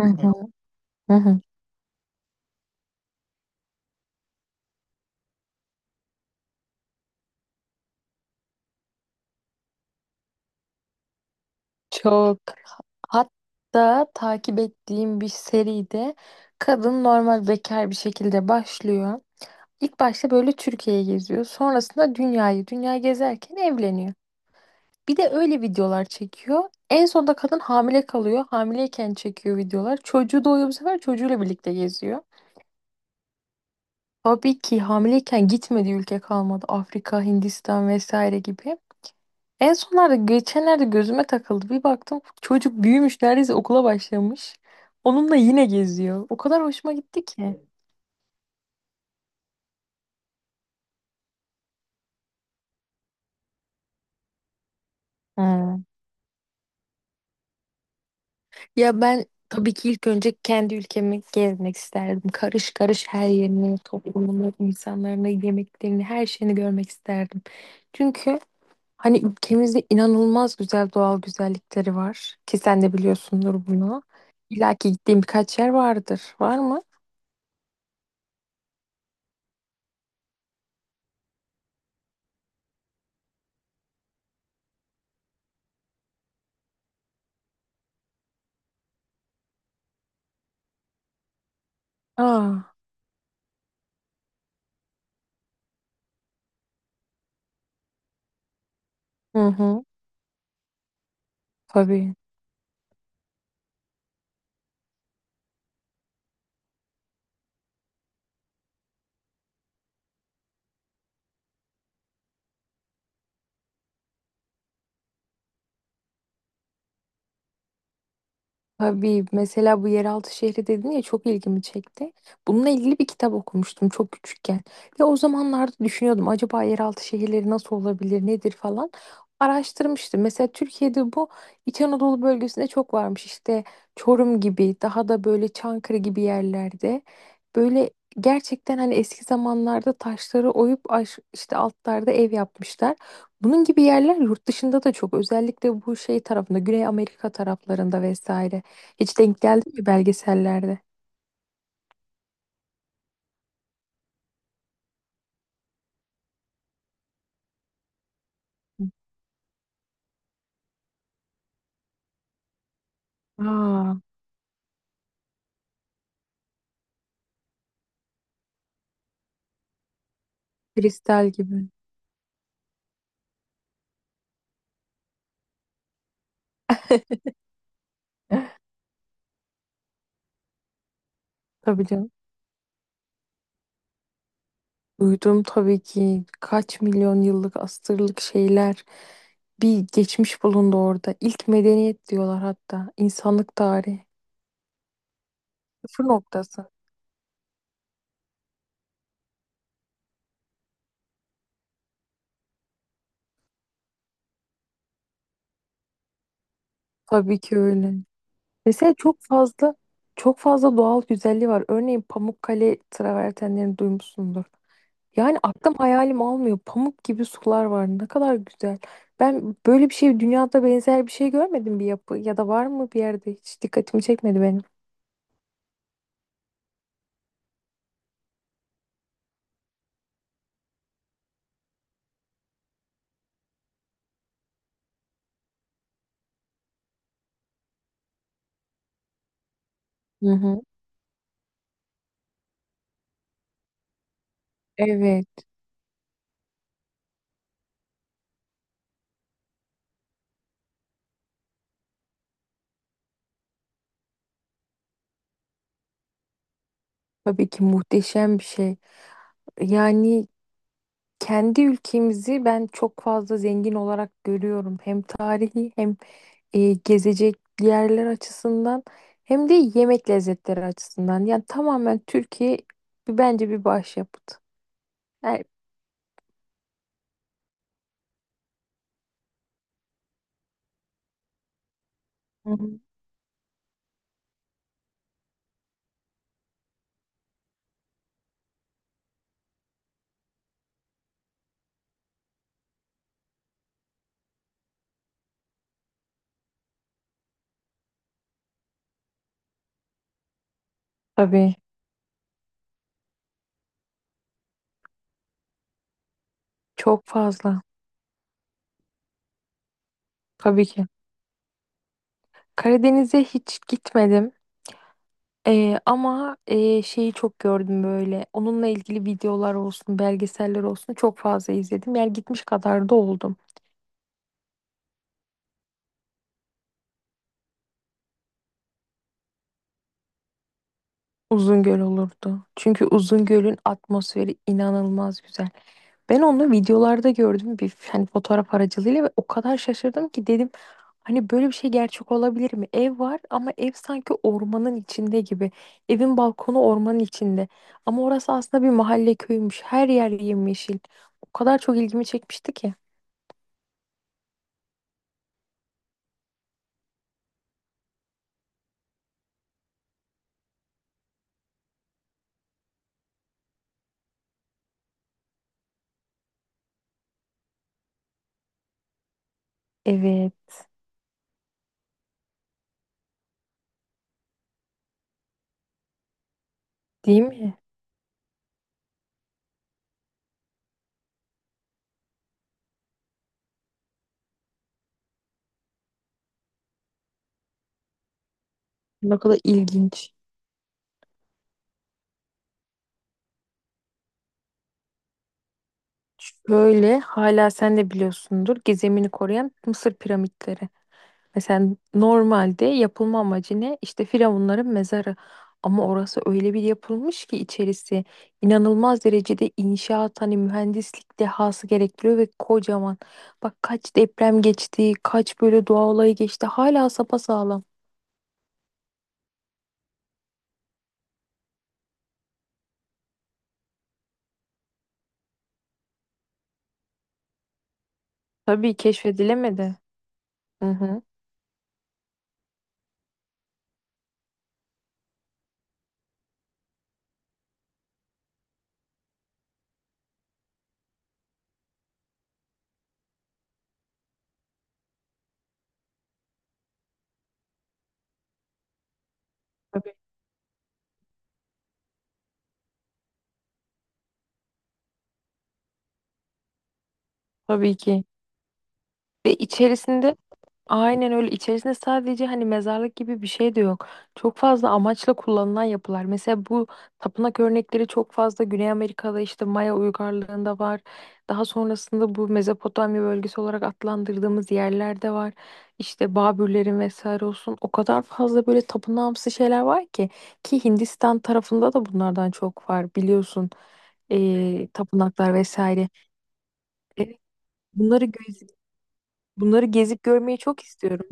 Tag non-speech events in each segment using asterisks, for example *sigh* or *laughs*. Hı hı, hı hı. Çok. Hatta takip ettiğim bir seride kadın normal bekar bir şekilde başlıyor. İlk başta böyle Türkiye'ye geziyor. Sonrasında dünyayı, dünya gezerken evleniyor. Bir de öyle videolar çekiyor. En sonunda kadın hamile kalıyor. Hamileyken çekiyor videolar. Çocuğu doğuyor, bu sefer çocuğuyla birlikte geziyor. Tabii ki hamileyken gitmediği ülke kalmadı. Afrika, Hindistan vesaire gibi. En sonlarda geçenlerde gözüme takıldı. Bir baktım çocuk büyümüş, neredeyse okula başlamış. Onunla yine geziyor. O kadar hoşuma gitti ki. Hmm. Ya ben tabii ki ilk önce kendi ülkemi gezmek isterdim. Karış karış her yerini, toplumunu, insanlarını, yemeklerini, her şeyini görmek isterdim. Çünkü hani ülkemizde inanılmaz güzel doğal güzellikleri var. Ki sen de biliyorsundur bunu. İlla ki gittiğim birkaç yer vardır. Var mı? Aa, hı hı, tabii. Tabii mesela bu yeraltı şehri dedin ya, çok ilgimi çekti. Bununla ilgili bir kitap okumuştum çok küçükken. Ve o zamanlarda düşünüyordum, acaba yeraltı şehirleri nasıl olabilir, nedir falan. Araştırmıştım. Mesela Türkiye'de bu İç Anadolu bölgesinde çok varmış. İşte Çorum gibi, daha da böyle Çankırı gibi yerlerde. Böyle gerçekten hani eski zamanlarda taşları oyup işte altlarda ev yapmışlar. Bunun gibi yerler yurt dışında da çok, özellikle bu şey tarafında, Güney Amerika taraflarında vesaire. Hiç denk geldi mi belgesellerde? Aa, kristal gibi. *laughs* Tabii canım. Duydum tabii ki, kaç milyon yıllık asırlık şeyler, bir geçmiş bulundu orada. İlk medeniyet diyorlar hatta. İnsanlık tarihi. Sıfır noktası. Tabii ki öyle. Mesela çok fazla, çok fazla doğal güzelliği var. Örneğin Pamukkale travertenlerini duymuşsundur. Yani aklım hayalim almıyor. Pamuk gibi sular var. Ne kadar güzel. Ben böyle bir şey, dünyada benzer bir şey görmedim, bir yapı ya da, var mı bir yerde, hiç dikkatimi çekmedi benim. Hı hı. Evet, tabii ki muhteşem bir şey. Yani kendi ülkemizi ben çok fazla zengin olarak görüyorum. Hem tarihi, hem gezecek yerler açısından, hem de yemek lezzetleri açısından. Yani tamamen Türkiye bence bir başyapıt. Yani. Hı hı. Tabii, çok fazla. Tabii ki. Karadeniz'e hiç gitmedim. Ama şeyi çok gördüm böyle. Onunla ilgili videolar olsun, belgeseller olsun, çok fazla izledim. Yani gitmiş kadar da oldum. Uzungöl olurdu. Çünkü Uzungöl'ün atmosferi inanılmaz güzel. Ben onu videolarda gördüm, bir hani fotoğraf aracılığıyla, ve o kadar şaşırdım ki dedim, hani böyle bir şey gerçek olabilir mi? Ev var ama ev sanki ormanın içinde gibi. Evin balkonu ormanın içinde. Ama orası aslında bir mahalle köymüş. Her yer yemyeşil. O kadar çok ilgimi çekmişti ki. Evet, değil mi? Ne kadar ilginç. Şöyle, hala sen de biliyorsundur, gizemini koruyan Mısır piramitleri. Mesela normalde yapılma amacı ne? İşte firavunların mezarı. Ama orası öyle bir yapılmış ki içerisi inanılmaz derecede inşaat, hani mühendislik dehası gerektiriyor ve kocaman. Bak kaç deprem geçti, kaç böyle doğa olayı geçti. Hala sapasağlam. Tabii, keşfedilemedi. Hı hı. Tabii. Tabii ki. Ve içerisinde Aynen öyle. İçerisinde sadece hani mezarlık gibi bir şey de yok. Çok fazla amaçla kullanılan yapılar. Mesela bu tapınak örnekleri çok fazla Güney Amerika'da, işte Maya uygarlığında var. Daha sonrasında bu Mezopotamya bölgesi olarak adlandırdığımız yerlerde var. İşte Babürlerin vesaire olsun. O kadar fazla böyle tapınağımsı şeyler var ki Hindistan tarafında da bunlardan çok var, biliyorsun. Tapınaklar vesaire. Evet, bunları gez- bunları gezip görmeyi çok istiyorum.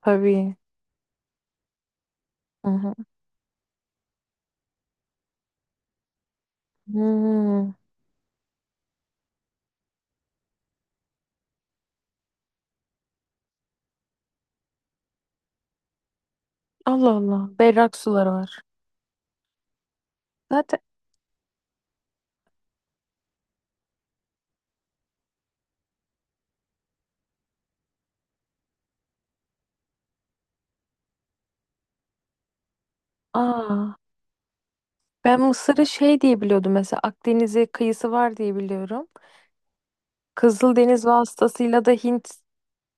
Tabii. Hı hı. Hmm. Allah Allah. Berrak suları var. Zaten aa, ben Mısır'ı şey diye biliyordum, mesela Akdeniz'e kıyısı var diye biliyorum. Kızıldeniz vasıtasıyla da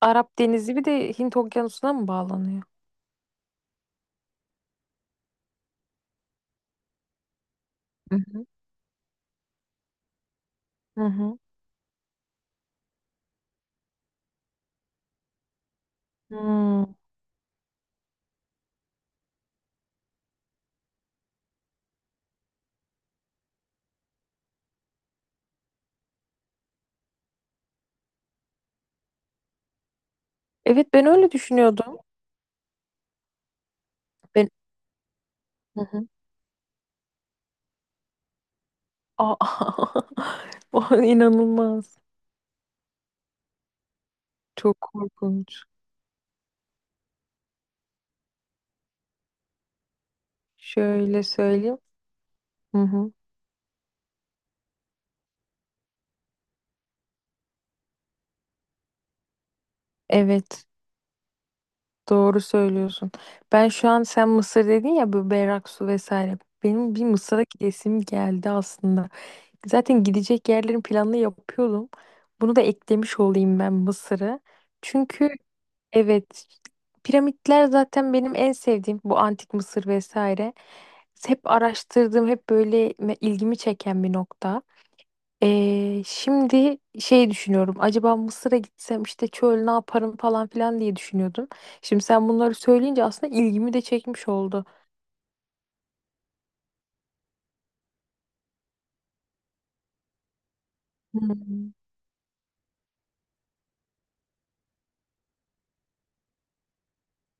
Arap Denizi, bir de Hint Okyanusu'na mı bağlanıyor? Hı hı. Hı hı. Hmm. Evet, ben öyle düşünüyordum. Ben hı hı. Aa, *laughs* o inanılmaz. Çok korkunç. Şöyle söyleyeyim. Hı hı. Evet. Doğru söylüyorsun. Ben şu an, sen Mısır dedin ya, bu berrak su vesaire. Benim bir Mısır'a gidesim geldi aslında. Zaten gidecek yerlerin planını yapıyordum. Bunu da eklemiş olayım, ben Mısır'ı. Çünkü evet, piramitler zaten benim en sevdiğim, bu antik Mısır vesaire. Hep araştırdığım, hep böyle ilgimi çeken bir nokta. Şimdi şey düşünüyorum. Acaba Mısır'a gitsem işte çöl, ne yaparım falan filan diye düşünüyordum. Şimdi sen bunları söyleyince aslında ilgimi de çekmiş oldu. Hmm.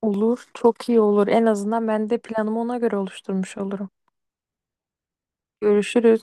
Olur, çok iyi olur. En azından ben de planımı ona göre oluşturmuş olurum. Görüşürüz.